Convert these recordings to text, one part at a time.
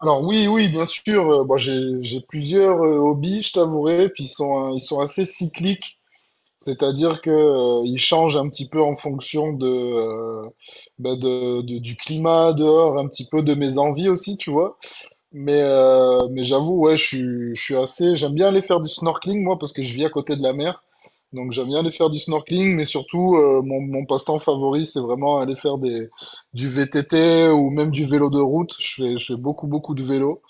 Alors oui, oui, bien sûr. Bon, j'ai plusieurs hobbies, je t'avouerai, puis ils sont assez cycliques, c'est-à-dire que ils changent un petit peu en fonction bah, du climat dehors, un petit peu de mes envies aussi, tu vois. Mais j'avoue, ouais, je suis assez. J'aime bien aller faire du snorkeling moi parce que je vis à côté de la mer, donc j'aime bien aller faire du snorkeling. Mais surtout, mon passe-temps favori, c'est vraiment aller faire des du VTT ou même du vélo de route. Je fais beaucoup beaucoup de vélo.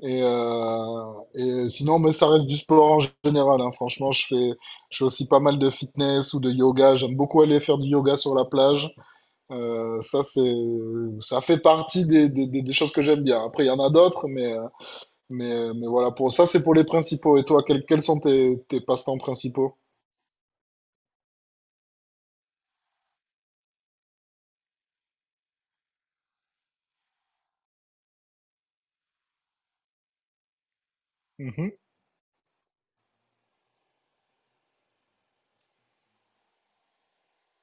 Et sinon, mais ça reste du sport en général, hein. Franchement, je fais aussi pas mal de fitness ou de yoga. J'aime beaucoup aller faire du yoga sur la plage. Euh, ça, c'est, Ça fait partie des choses que j'aime bien. Après, il y en a d'autres, mais voilà, pour ça, c'est pour les principaux. Et toi, quels sont tes passe-temps principaux? Mhm.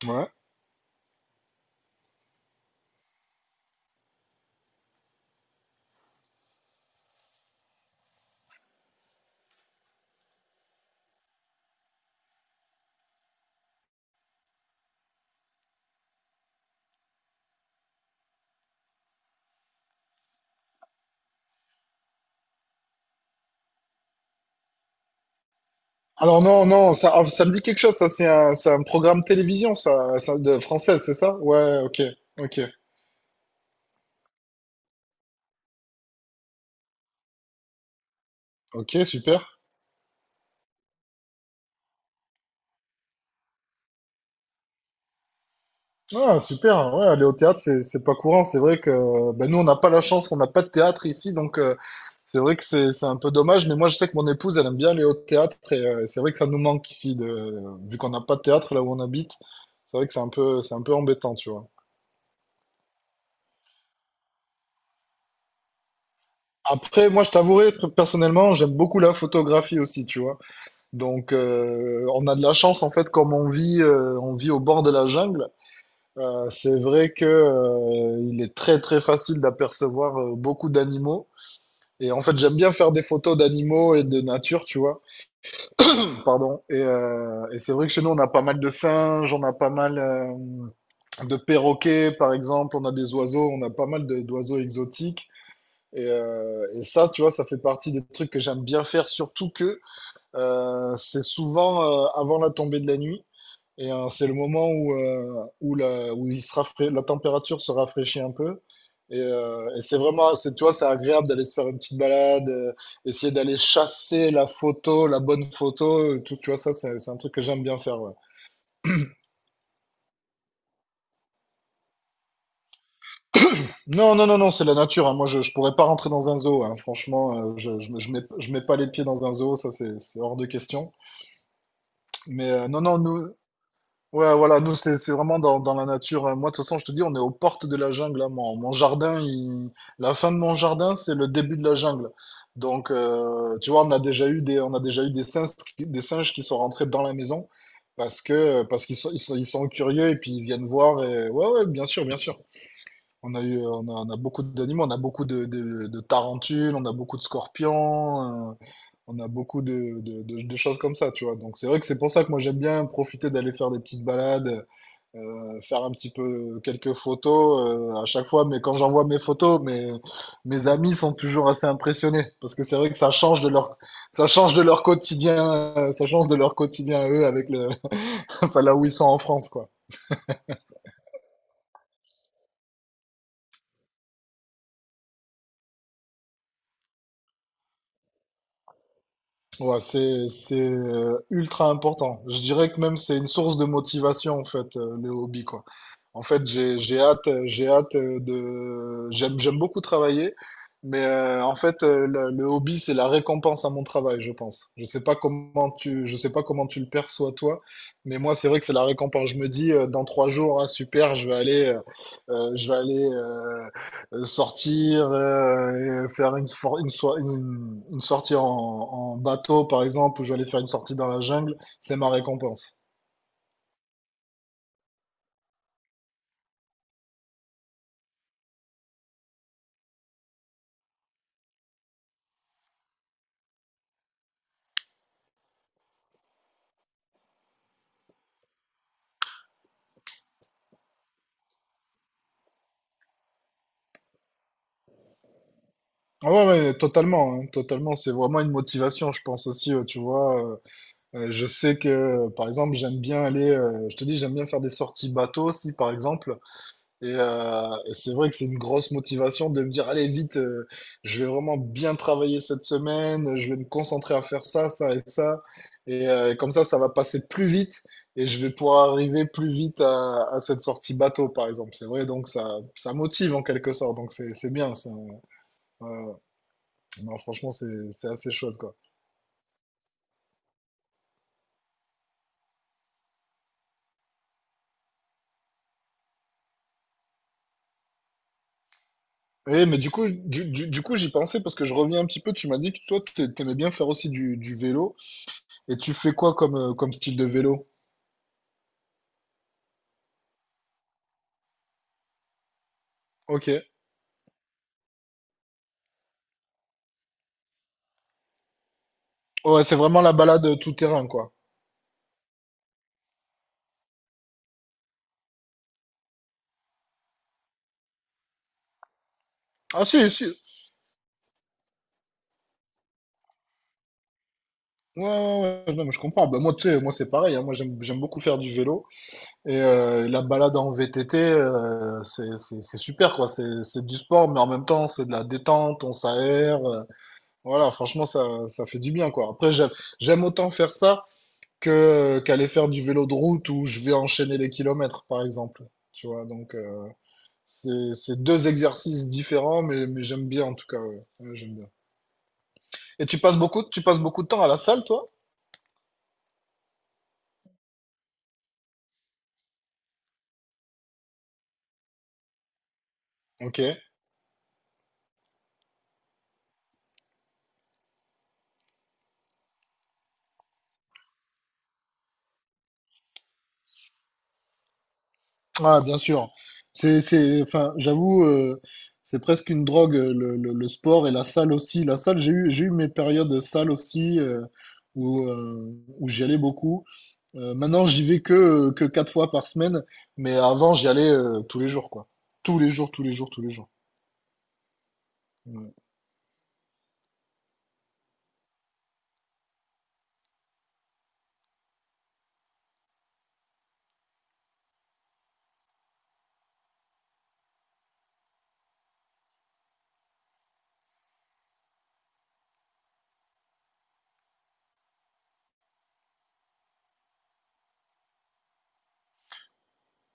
Ouais. Alors non, non, ah, ça me dit quelque chose. Ça, c'est un programme télévision, ça de française, c'est ça? Ouais, ok, ok, ok, super. Ah, super, ouais, aller au théâtre, c'est pas courant. C'est vrai que bah, nous, on n'a pas la chance, on n'a pas de théâtre ici, donc c'est vrai que c'est un peu dommage. Mais moi, je sais que mon épouse, elle aime bien aller au théâtre, et c'est vrai que ça nous manque ici, vu qu'on n'a pas de théâtre là où on habite. C'est vrai que c'est un peu embêtant, tu vois. Après, moi, je t'avouerai, personnellement, j'aime beaucoup la photographie aussi, tu vois. Donc, on a de la chance, en fait, comme on vit au bord de la jungle. C'est vrai que, il est très, très facile d'apercevoir beaucoup d'animaux. Et en fait, j'aime bien faire des photos d'animaux et de nature, tu vois. Pardon. Et c'est vrai que chez nous, on a pas mal de singes, on a pas mal de perroquets, par exemple, on a des oiseaux, on a pas mal d'oiseaux exotiques. Et ça, tu vois, ça fait partie des trucs que j'aime bien faire, surtout que c'est souvent avant la tombée de la nuit. C'est le moment où la température se rafraîchit un peu. Et tu vois, c'est agréable d'aller se faire une petite balade, essayer d'aller chasser la photo, la bonne photo, tout, tu vois, ça, c'est un truc que j'aime bien faire, ouais. Non, non, non, non, c'est la nature, hein. Moi, je pourrais pas rentrer dans un zoo, hein. Franchement, je mets pas les pieds dans un zoo, ça, c'est hors de question. Non, non. Ouais, voilà, nous, c'est vraiment dans la nature. Moi, de toute façon, je te dis, on est aux portes de la jungle, là. La fin de mon jardin, c'est le début de la jungle. Donc, tu vois, on a déjà eu des singes, qui sont rentrés dans la maison parce qu'ils sont ils sont, ils sont curieux et puis ils viennent voir. Ouais, ouais, bien sûr, bien sûr. On a beaucoup d'animaux, on a beaucoup de tarentules, on a beaucoup de scorpions, on a beaucoup de choses comme ça, tu vois. Donc, c'est vrai que c'est pour ça que moi, j'aime bien profiter d'aller faire des petites balades faire un petit peu quelques photos à chaque fois, mais quand j'envoie mes photos, mes amis sont toujours assez impressionnés parce que c'est vrai que ça change de leur quotidien à eux avec le enfin là où ils sont en France quoi. Ouais, c'est ultra important. Je dirais que même c'est une source de motivation en fait le hobby quoi. En fait, j'ai hâte, j'ai hâte de. J'aime beaucoup travailler, mais en fait, le hobby, c'est la récompense à mon travail, je pense. Je sais pas comment tu le perçois toi, mais moi, c'est vrai que c'est la récompense. Je me dis, dans trois jours, ah, super, je vais aller sortir, et faire une, for- une, soi- une sortie en bateau, par exemple, ou je vais aller faire une sortie dans la jungle. C'est ma récompense. Ah ouais, ouais, totalement, hein, totalement. C'est vraiment une motivation, je pense aussi, tu vois. Je sais par exemple, je te dis, j'aime bien faire des sorties bateau aussi, par exemple. Et c'est vrai que c'est une grosse motivation de me dire, allez, vite, je vais vraiment bien travailler cette semaine, je vais me concentrer à faire ça, ça et ça. Comme ça va passer plus vite et je vais pouvoir arriver plus vite à cette sortie bateau, par exemple. C'est vrai, donc ça motive en quelque sorte. Donc c'est bien, ça. Ouais, ouais. Non, franchement, c'est assez chouette, quoi. Eh, mais du coup, j'y pensais parce que je reviens un petit peu. Tu m'as dit que toi, t'aimais bien faire aussi du vélo. Et tu fais quoi comme style de vélo? Ok. Ouais, c'est vraiment la balade tout terrain, quoi. Ah, si, si. Ouais, ouais, ouais. Non, mais je comprends. Bah, moi, tu sais, moi, c'est pareil. Hein. Moi, j'aime beaucoup faire du vélo. La balade en VTT, c'est super, quoi. C'est du sport, mais en même temps, c'est de la détente. On s'aère. Voilà, franchement, ça fait du bien, quoi. Après, j'aime autant faire ça que qu'aller faire du vélo de route où je vais enchaîner les kilomètres, par exemple. Tu vois, donc c'est deux exercices différents, mais j'aime bien en tout cas. Ouais. Ouais, j'aime bien. Et tu passes beaucoup de temps à la salle, toi? Ok. Ah, bien sûr. Enfin, j'avoue, c'est presque une drogue, le sport et la salle aussi. La salle, j'ai eu mes périodes de salle aussi où, euh, où j'y allais beaucoup. Maintenant, j'y vais que quatre fois par semaine, mais avant, j'y allais tous les jours, quoi. Tous les jours, tous les jours, tous les jours. Ouais.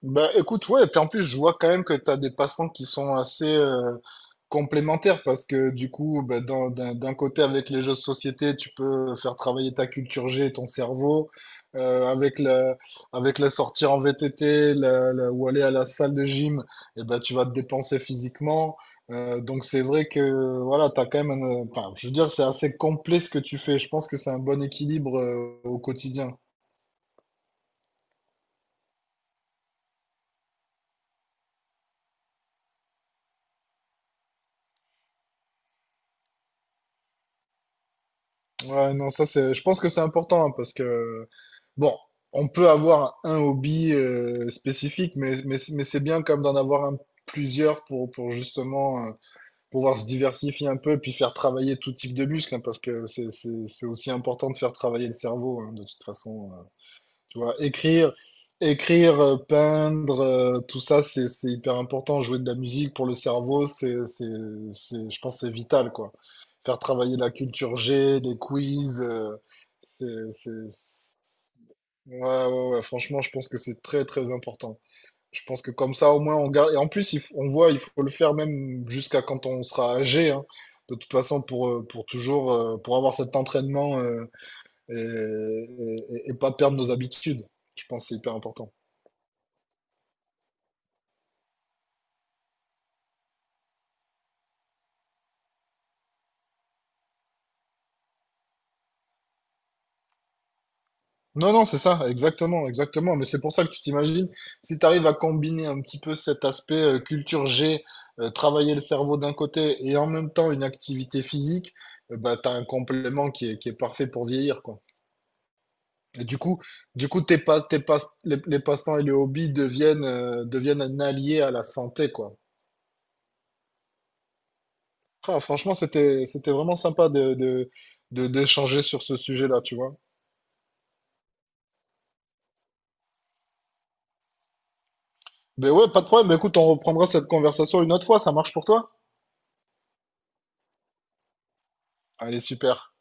Bah écoute, ouais, et puis en plus, je vois quand même que tu as des passe-temps qui sont assez complémentaires parce que du coup, bah, d'un côté, avec les jeux de société, tu peux faire travailler ta culture G et ton cerveau. Euh, avec la, avec la sortie en VTT ou aller à la salle de gym, et ben tu vas te dépenser physiquement. Donc c'est vrai que voilà, t'as quand même enfin, je veux dire, c'est assez complet ce que tu fais. Je pense que c'est un bon équilibre au quotidien. Ouais, non, ça c'est. Je pense que c'est important hein, parce que bon, on peut avoir un hobby spécifique, mais c'est bien comme d'en avoir un, plusieurs pour justement pouvoir se diversifier un peu et puis faire travailler tout type de muscles hein, parce que c'est aussi important de faire travailler le cerveau hein, de toute façon. Tu vois, écrire, peindre, tout ça, c'est hyper important. Jouer de la musique pour le cerveau, je pense, que c'est vital, quoi. Faire travailler la culture G, les quiz. C'est, c'est- c'est- Ouais, ouais, ouais, franchement, je pense que c'est très, très important. Je pense que comme ça, au moins, on garde. Et en plus, on voit, il faut le faire même jusqu'à quand on sera âgé, hein. De toute façon, pour toujours, pour avoir cet entraînement, et, et pas perdre nos habitudes. Je pense que c'est hyper important. Non, non, c'est ça, exactement, exactement. Mais c'est pour ça que tu t'imagines, si tu arrives à combiner un petit peu cet aspect culture G, travailler le cerveau d'un côté et en même temps une activité physique, bah, tu as un complément qui est parfait pour vieillir, quoi. Et du coup, tes pas, les passe-temps et les hobbies deviennent un allié à la santé, quoi. Ah, franchement, c'était vraiment sympa d'échanger sur ce sujet-là, tu vois. Ben ouais, pas de problème. Ben écoute, on reprendra cette conversation une autre fois. Ça marche pour toi? Allez, super.